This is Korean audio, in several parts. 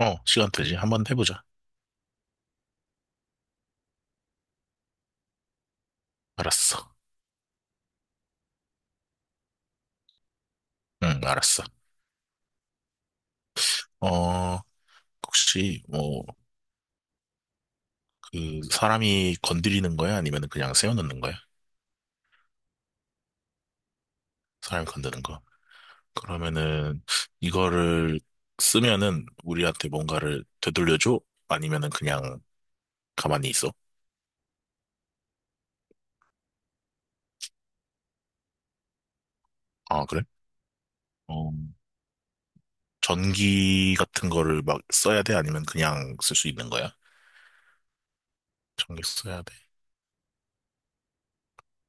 어, 시간 되지. 한번 해보자. 알았어. 응, 알았어. 어, 혹시, 뭐, 그, 사람이 건드리는 거야? 아니면 그냥 세워놓는 거야? 사람이 건드는 거. 그러면은, 이거를 쓰면은 우리한테 뭔가를 되돌려줘? 아니면은 그냥 가만히 있어? 아, 그래? 어, 전기 같은 거를 막 써야 돼? 아니면 그냥 쓸 수 있는 거야? 전기 써야 돼.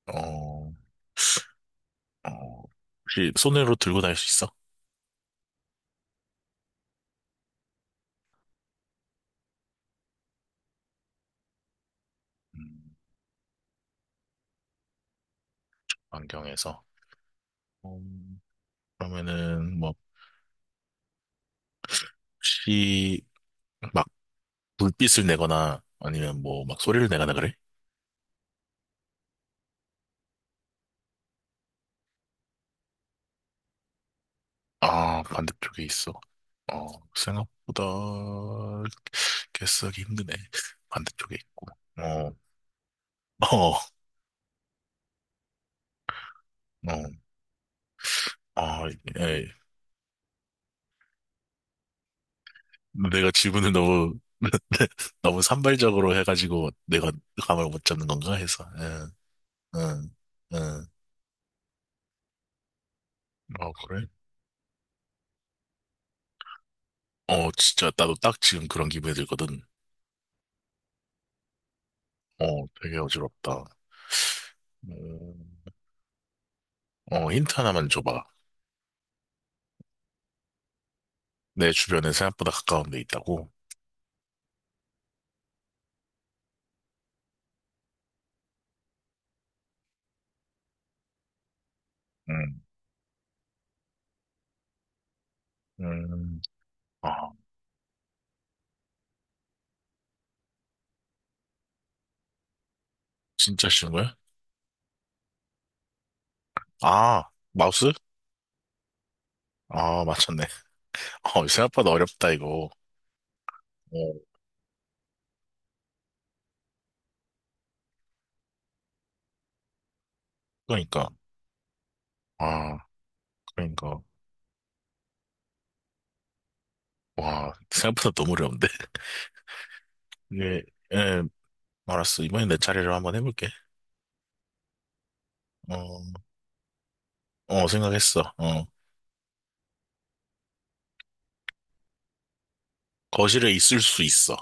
어, 어, 혹시 손으로 들고 다닐 수 있어? 음, 안경에서. 음, 그러면은 뭐 혹시 막 불빛을 내거나 아니면 뭐 막 소리를 내거나 그래? 아 반대쪽에 있어. 어 생각보다 개수하기 힘드네. 반대쪽에 있고. 어, 어, 어, 아, 예. 내가 질문을 너무 너무 산발적으로 해가지고 내가 감을 못 잡는 건가 해서. 응, 응, 응. 어 그래? 어 진짜 나도 딱 지금 그런 기분이 들거든. 어, 되게 어지럽다. 음, 어, 힌트 하나만 줘봐. 내 주변에 생각보다 가까운 데 있다고? 음, 음, 아, 진짜 쉬운 거야? 아, 마우스? 아, 맞췄네. 어, 생각보다 어렵다, 이거. 어, 그러니까. 아, 그러니까. 와, 생각보다 너무 어려운데? 이게, 예, 알았어. 이번엔 내 차례를 한번 해볼게. 어, 어, 생각했어. 어, 거실에 있을 수 있어.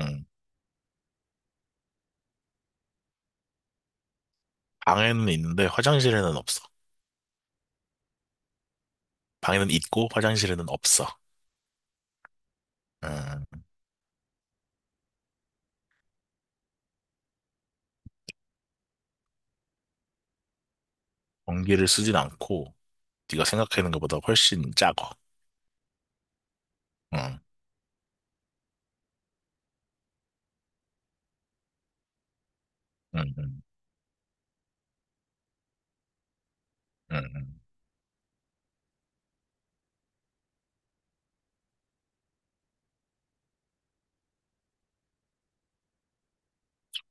응. 방에는 있는데 화장실에는 없어. 방에는 있고 화장실에는 없어. 음, 전기를 쓰진 않고 네가 생각하는 것보다 훨씬 작아. 응, 응, 응, 응,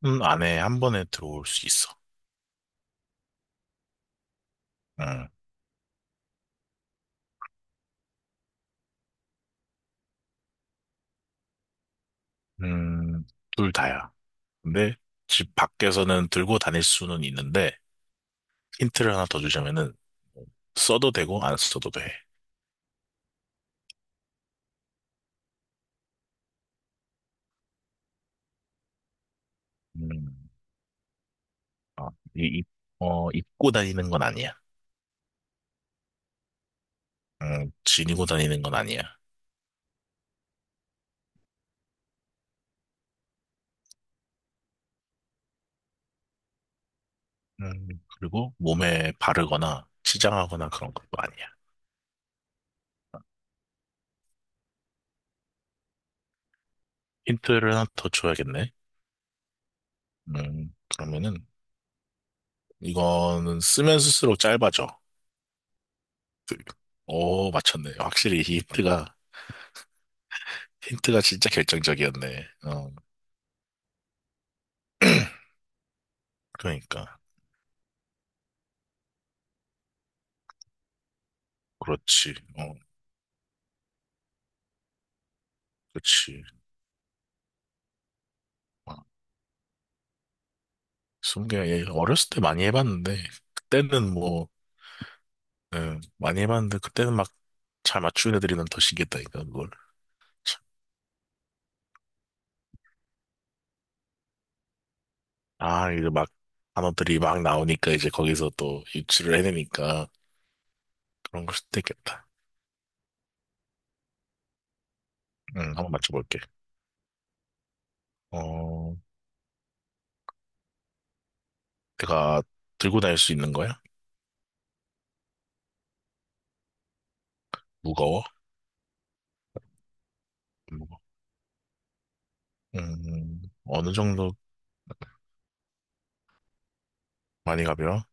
응. 안에 한 번에 들어올 수 있어. 응, 둘 다야. 근데 집 밖에서는 들고 다닐 수는 있는데 힌트를 하나 더 주자면은 써도 되고 안 써도 돼. 음, 아, 이, 이- 어, 입고 다니는 건 아니야. 지니고 다니는 건 아니야. 음, 그리고 몸에 바르거나 치장하거나 그런 것도 아니야. 힌트를 하나 더 줘야겠네. 그러면은, 이거는 쓰면 쓸수록 짧아져. 그- 오, 맞췄네. 확실히 이 힌트가, 힌트가 진짜 결정적이었네. 어, 그러니까. 그렇지. 어, 그렇지. 어, 20개, 예, 어렸을 때 많이 해봤는데, 그때는 뭐, 예, 많이 해봤는데, 그때는 막 잘 맞추는 애들이면 더 신기했다니까, 그걸. 참. 아, 이제 막 단어들이 막 나오니까 이제 거기서 또 유출을 해내니까 그런 걸 수도 있겠다. 응, 한번 맞춰볼게. 어, 내가 들고 다닐 수 있는 거야? 무거워? 안 무거워. 어느 정도 많이 가벼워?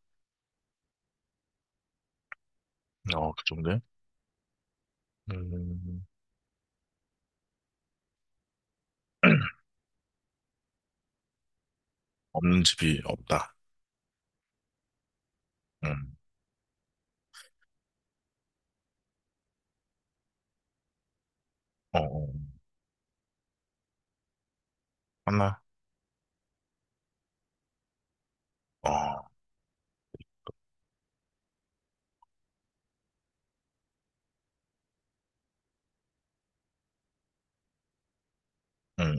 어, 그 정도야? 음, 없는 집이 없다. 음, 어, 어, 하나? 어, 음,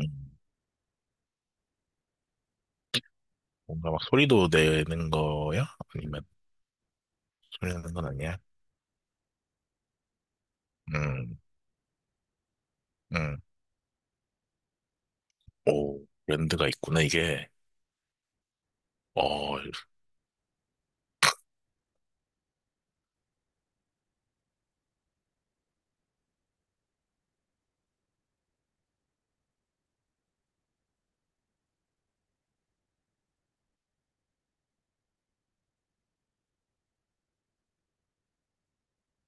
뭔가 막 소리도 내는 거야? 아니면 소리 내는 건 아니야? 음, 음, 오, 랜드가 있구나, 이게. 어,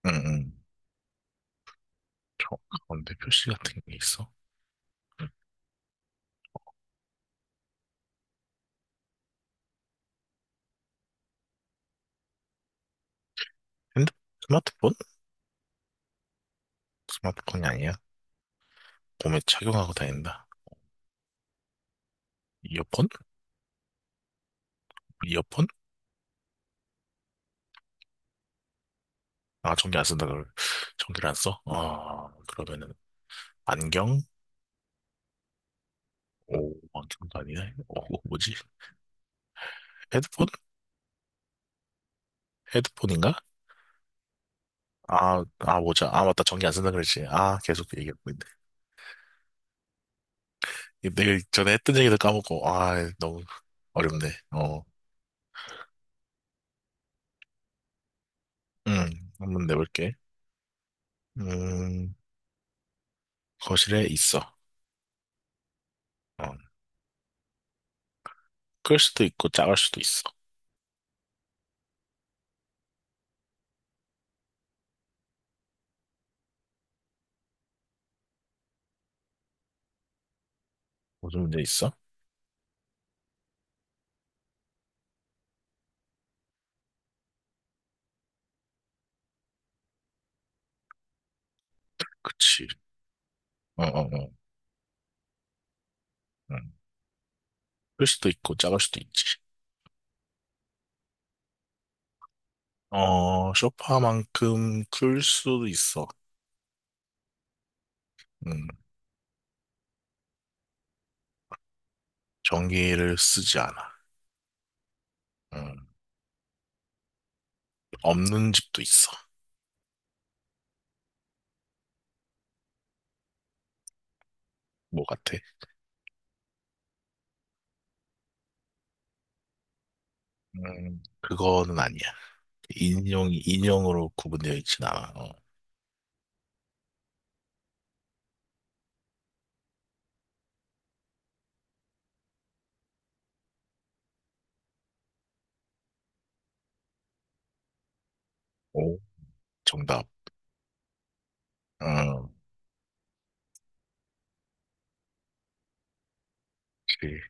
음, 저 가운데 표시 같은 게 있어? 핸드, 스마트폰? 스마트폰이 아니야? 몸에 착용하고 다닌다. 이어폰? 이어폰? 아, 전기 안 쓴다, 그걸. 전기를 안 써? 아, 그러면은, 안경? 오, 안경도 아니네. 오, 뭐지? 헤드폰? 헤드폰인가? 아, 아, 뭐지? 아, 맞다. 전기 안 쓴다 그랬지. 아, 계속 그 얘기하고 있네. 이거 내가 전에 했던 얘기도 까먹고, 아, 너무 어렵네. 어, 한번 내볼게. 음, 거실에 있어. 어, 클 수도 있고, 작을 수도 있어. 무슨 문제 있어? 그치. 어, 어, 어. 응. 클 수도 있고, 작을 수도 있지. 어, 소파만큼 클 수도 있어. 음, 전기를 쓰지 않아. 음, 없는 집도 있어. 뭐 같아? 그거는 아니야. 인형이 인형으로 구분되어 있진 않아. 어. 오, 정답. 어 그치.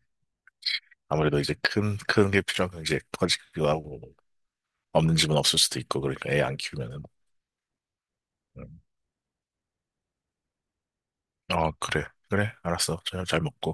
아무래도 이제 큰, 큰 게 필요하면 이제 커지기도 하고, 없는 집은 없을 수도 있고, 그러니까 애 안 키우면은. 음. 어, 그래. 그래. 알았어. 저녁 잘 먹고.